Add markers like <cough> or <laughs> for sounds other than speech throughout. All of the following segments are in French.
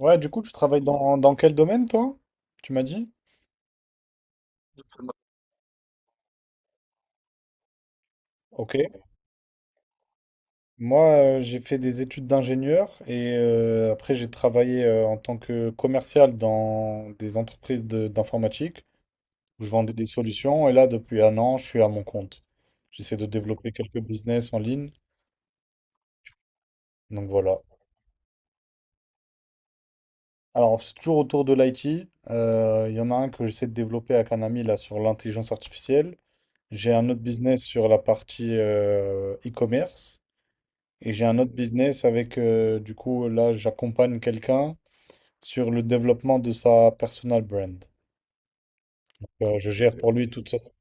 Ouais, du coup, tu travailles dans quel domaine, toi? Tu m'as dit? Ok. Moi, j'ai fait des études d'ingénieur et après, j'ai travaillé en tant que commercial dans des entreprises d'informatique où je vendais des solutions. Et là, depuis un an, je suis à mon compte. J'essaie de développer quelques business en ligne. Donc voilà. Alors, c'est toujours autour de l'IT. Il y en a un que j'essaie de développer avec un ami là sur l'intelligence artificielle. J'ai un autre business sur la partie e-commerce. Et j'ai un autre business avec, du coup, là, j'accompagne quelqu'un sur le développement de sa personal brand. Je gère pour lui toute sorte,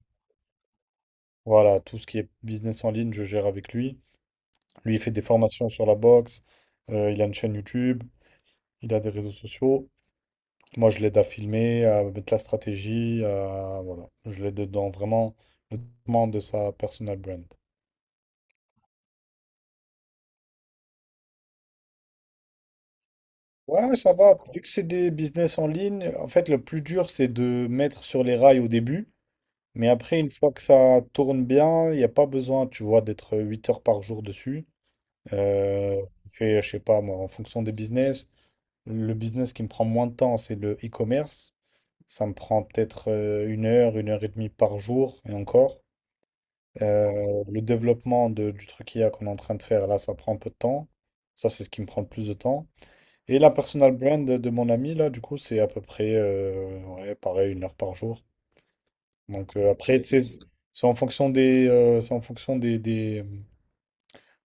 voilà, tout ce qui est business en ligne, je gère avec lui. Lui, il fait des formations sur la boxe, il a une chaîne YouTube, il a des réseaux sociaux. Moi, je l'aide à filmer, à mettre la stratégie, voilà. Je l'aide dans vraiment le développement de sa personal brand. Ouais, ça va. Vu que c'est des business en ligne, en fait, le plus dur, c'est de mettre sur les rails au début. Mais après, une fois que ça tourne bien, il n'y a pas besoin, tu vois, d'être 8 heures par jour dessus. Je fais, je sais pas, moi, en fonction des business, le business qui me prend moins de temps, c'est le e-commerce. Ça me prend peut-être 1 heure, 1 heure et demie par jour, et encore. Le développement du truc IA qu'on est en train de faire, là, ça prend un peu de temps. Ça, c'est ce qui me prend le plus de temps. Et la personal brand de mon ami, là, du coup, c'est à peu près, ouais, pareil, 1 heure par jour. Donc après, tu sais, c'est en fonction des,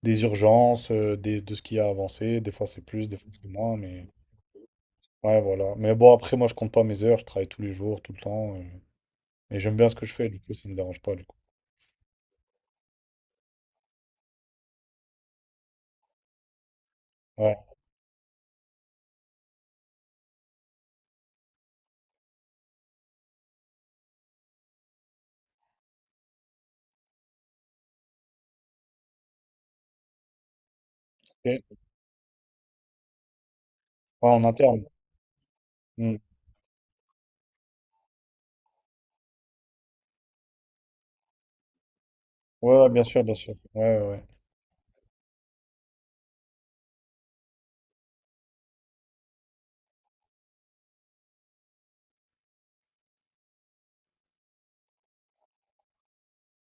des urgences, de ce qui a avancé. Des fois c'est plus, des fois c'est moins, mais ouais, voilà. Mais bon, après, moi je compte pas mes heures, je travaille tous les jours, tout le temps, et j'aime bien ce que je fais, du coup ça me dérange pas, du coup. Ouais, ok. Ouais, en interne. Mm. Ouais, ouais, bien sûr, bien sûr. Ouais, ouais. Ouais.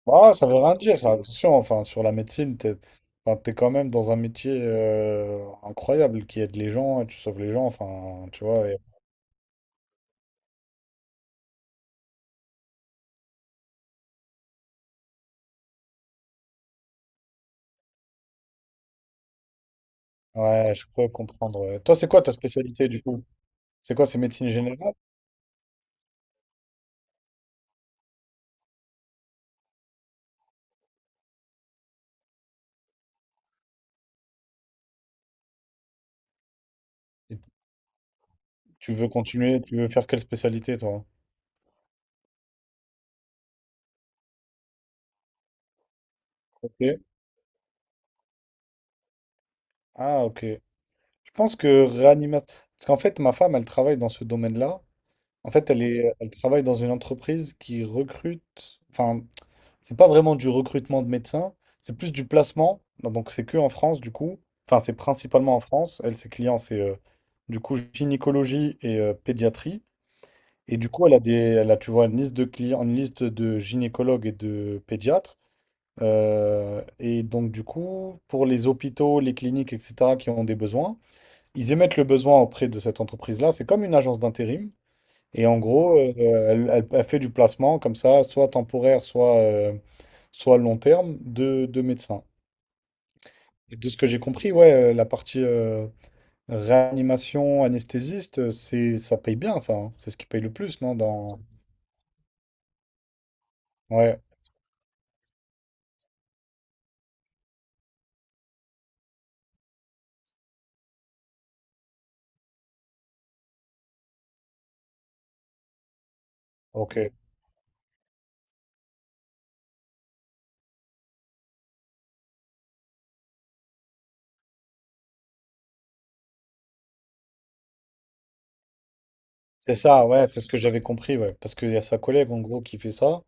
Bah, ça veut rien dire, ça. Attention, enfin, sur la médecine, enfin, t'es quand même dans un métier incroyable qui aide les gens, et tu sauves les gens, enfin, tu vois. Ouais, je crois comprendre. Ouais. Toi, c'est quoi ta spécialité du coup? C'est quoi, c'est médecine générale? Et tu veux continuer, tu veux faire quelle spécialité toi? Ok. Ah, ok. Je pense que réanimation. Parce qu'en fait, ma femme, elle travaille dans ce domaine-là. En fait, elle travaille dans une entreprise qui recrute. Enfin, c'est pas vraiment du recrutement de médecins, c'est plus du placement. Donc, c'est que en France du coup. Enfin, c'est principalement en France. Elle, ses clients, c'est du coup gynécologie et pédiatrie. Et du coup, elle a, tu vois, une liste de clients, une liste de gynécologues et de pédiatres. Et donc, du coup, pour les hôpitaux, les cliniques, etc., qui ont des besoins, ils émettent le besoin auprès de cette entreprise-là. C'est comme une agence d'intérim. Et en gros, elle fait du placement comme ça, soit temporaire, soit long terme, de médecins. Et de ce que j'ai compris, ouais, la partie réanimation, anesthésiste, ça paye bien, ça. Hein. C'est ce qui paye le plus, non, Ouais, ok. C'est ça, ouais, c'est ce que j'avais compris, ouais. Parce qu'il y a sa collègue, en gros, qui fait ça.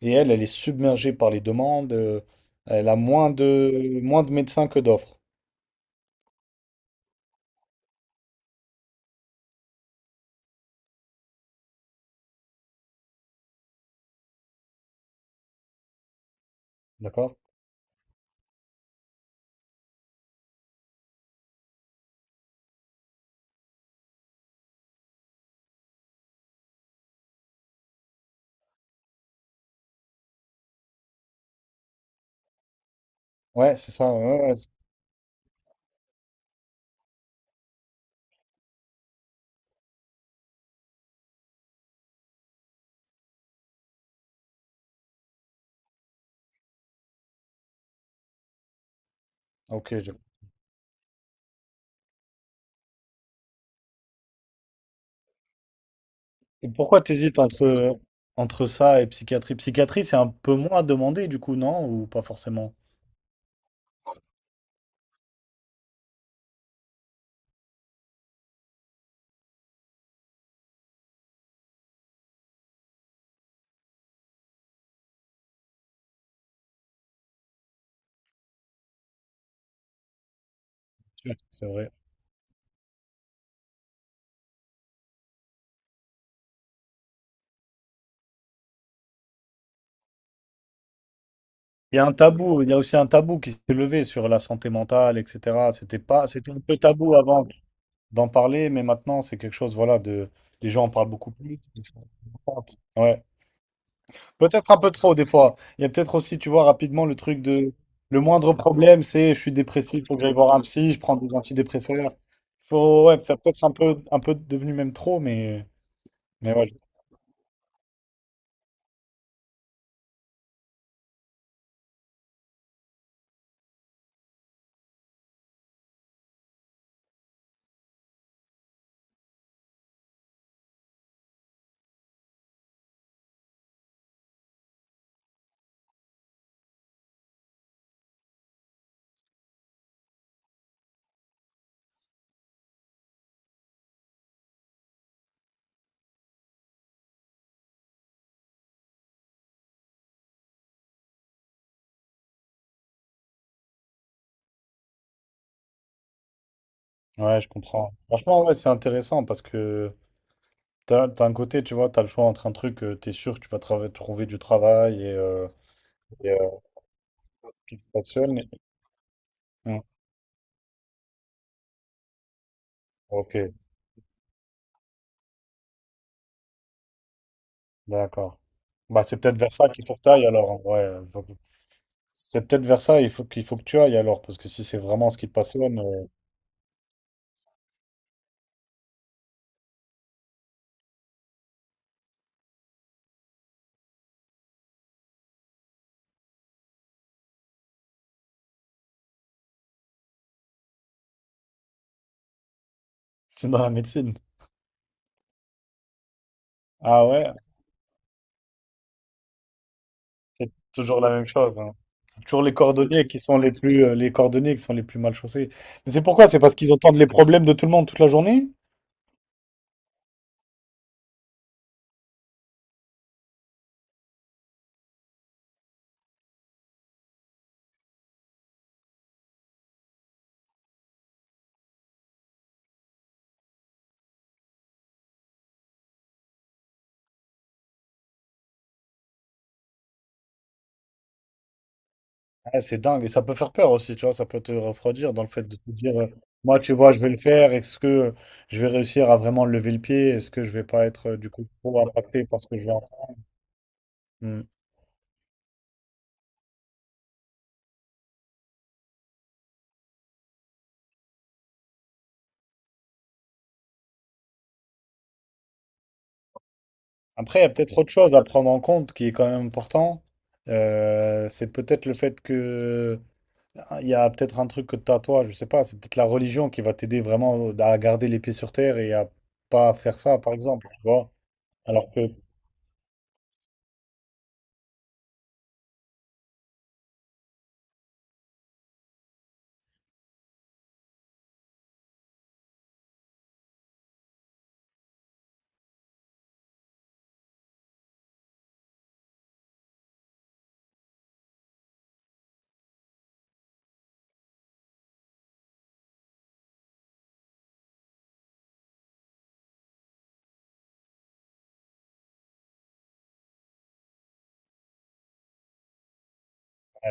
Et elle, elle est submergée par les demandes. Elle a moins de médecins que d'offres. D'accord? Ouais, c'est ça. Ouais, ouais. Ok. Et pourquoi t'hésites entre, entre ça et psychiatrie? Psychiatrie, c'est un peu moins demandé, du coup, non? Ou pas forcément? Ouais, c'est vrai. Il y a un tabou, il y a aussi un tabou qui s'est levé sur la santé mentale, etc. C'était pas, c'était un peu tabou avant d'en parler, mais maintenant, c'est quelque chose, voilà. Les gens en parlent beaucoup plus. Ils sont contents. Ouais. Peut-être un peu trop, des fois. Il y a peut-être aussi, tu vois, rapidement, le truc. Le moindre problème, c'est je suis dépressif, faut que j'aille voir un psy, je prends des antidépresseurs. Ouais, ça peut être un peu devenu même trop. Mais ouais, ouais, je comprends. Franchement, ouais, c'est intéressant parce que t'as un côté, tu vois, t'as le choix entre un truc, tu t'es sûr que tu vas trouver du travail et qui te passionne. Ouais. Ok. D'accord. Bah, c'est peut-être vers ça qu'il faut que tu ailles alors. Ouais. C'est peut-être vers ça il faut que tu ailles alors, parce que si c'est vraiment ce qui te passionne. <laughs> C'est dans la médecine. Ah ouais, c'est toujours la même chose. Hein. C'est toujours les cordonniers qui sont les plus mal chaussés. Mais c'est pourquoi? C'est parce qu'ils entendent les problèmes de tout le monde toute la journée? Ah, c'est dingue. Et ça peut faire peur aussi, tu vois. Ça peut te refroidir dans le fait de te dire, moi, tu vois, je vais le faire. Est-ce que je vais réussir à vraiment lever le pied? Est-ce que je vais pas être, du coup, trop impacté par ce que je vais entendre? Hmm. Après, il y a peut-être autre chose à prendre en compte qui est quand même important. C'est peut-être le fait que Ah, il y a peut-être un truc que t'as toi, je sais pas, c'est peut-être la religion qui va t'aider vraiment à garder les pieds sur terre et à pas faire ça, par exemple, tu vois. Alors que, ouais,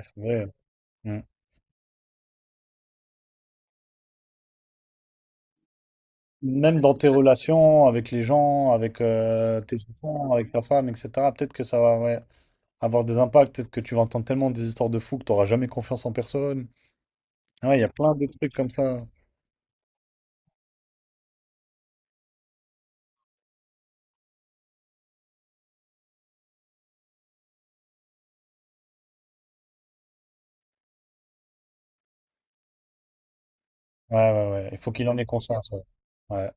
c'est vrai. Hein. Mm. Même dans tes relations avec les gens, avec tes enfants, avec ta femme, etc., peut-être que ça va ouais, avoir des impacts, peut-être que tu vas entendre tellement des histoires de fous que tu n'auras jamais confiance en personne. Ouais, il y a plein de trucs comme ça. Ouais, ouais, ouais, il faut qu'il en ait conscience. Ouais. Ouais.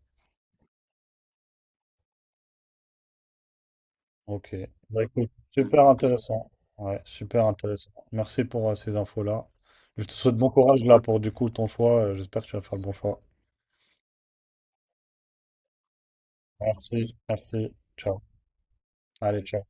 Ok. Bah, écoute, super intéressant. Ouais, super intéressant. Merci pour ces infos-là. Je te souhaite bon courage là pour du coup ton choix. J'espère que tu vas faire le bon choix. Merci, merci. Ciao. Allez, ciao.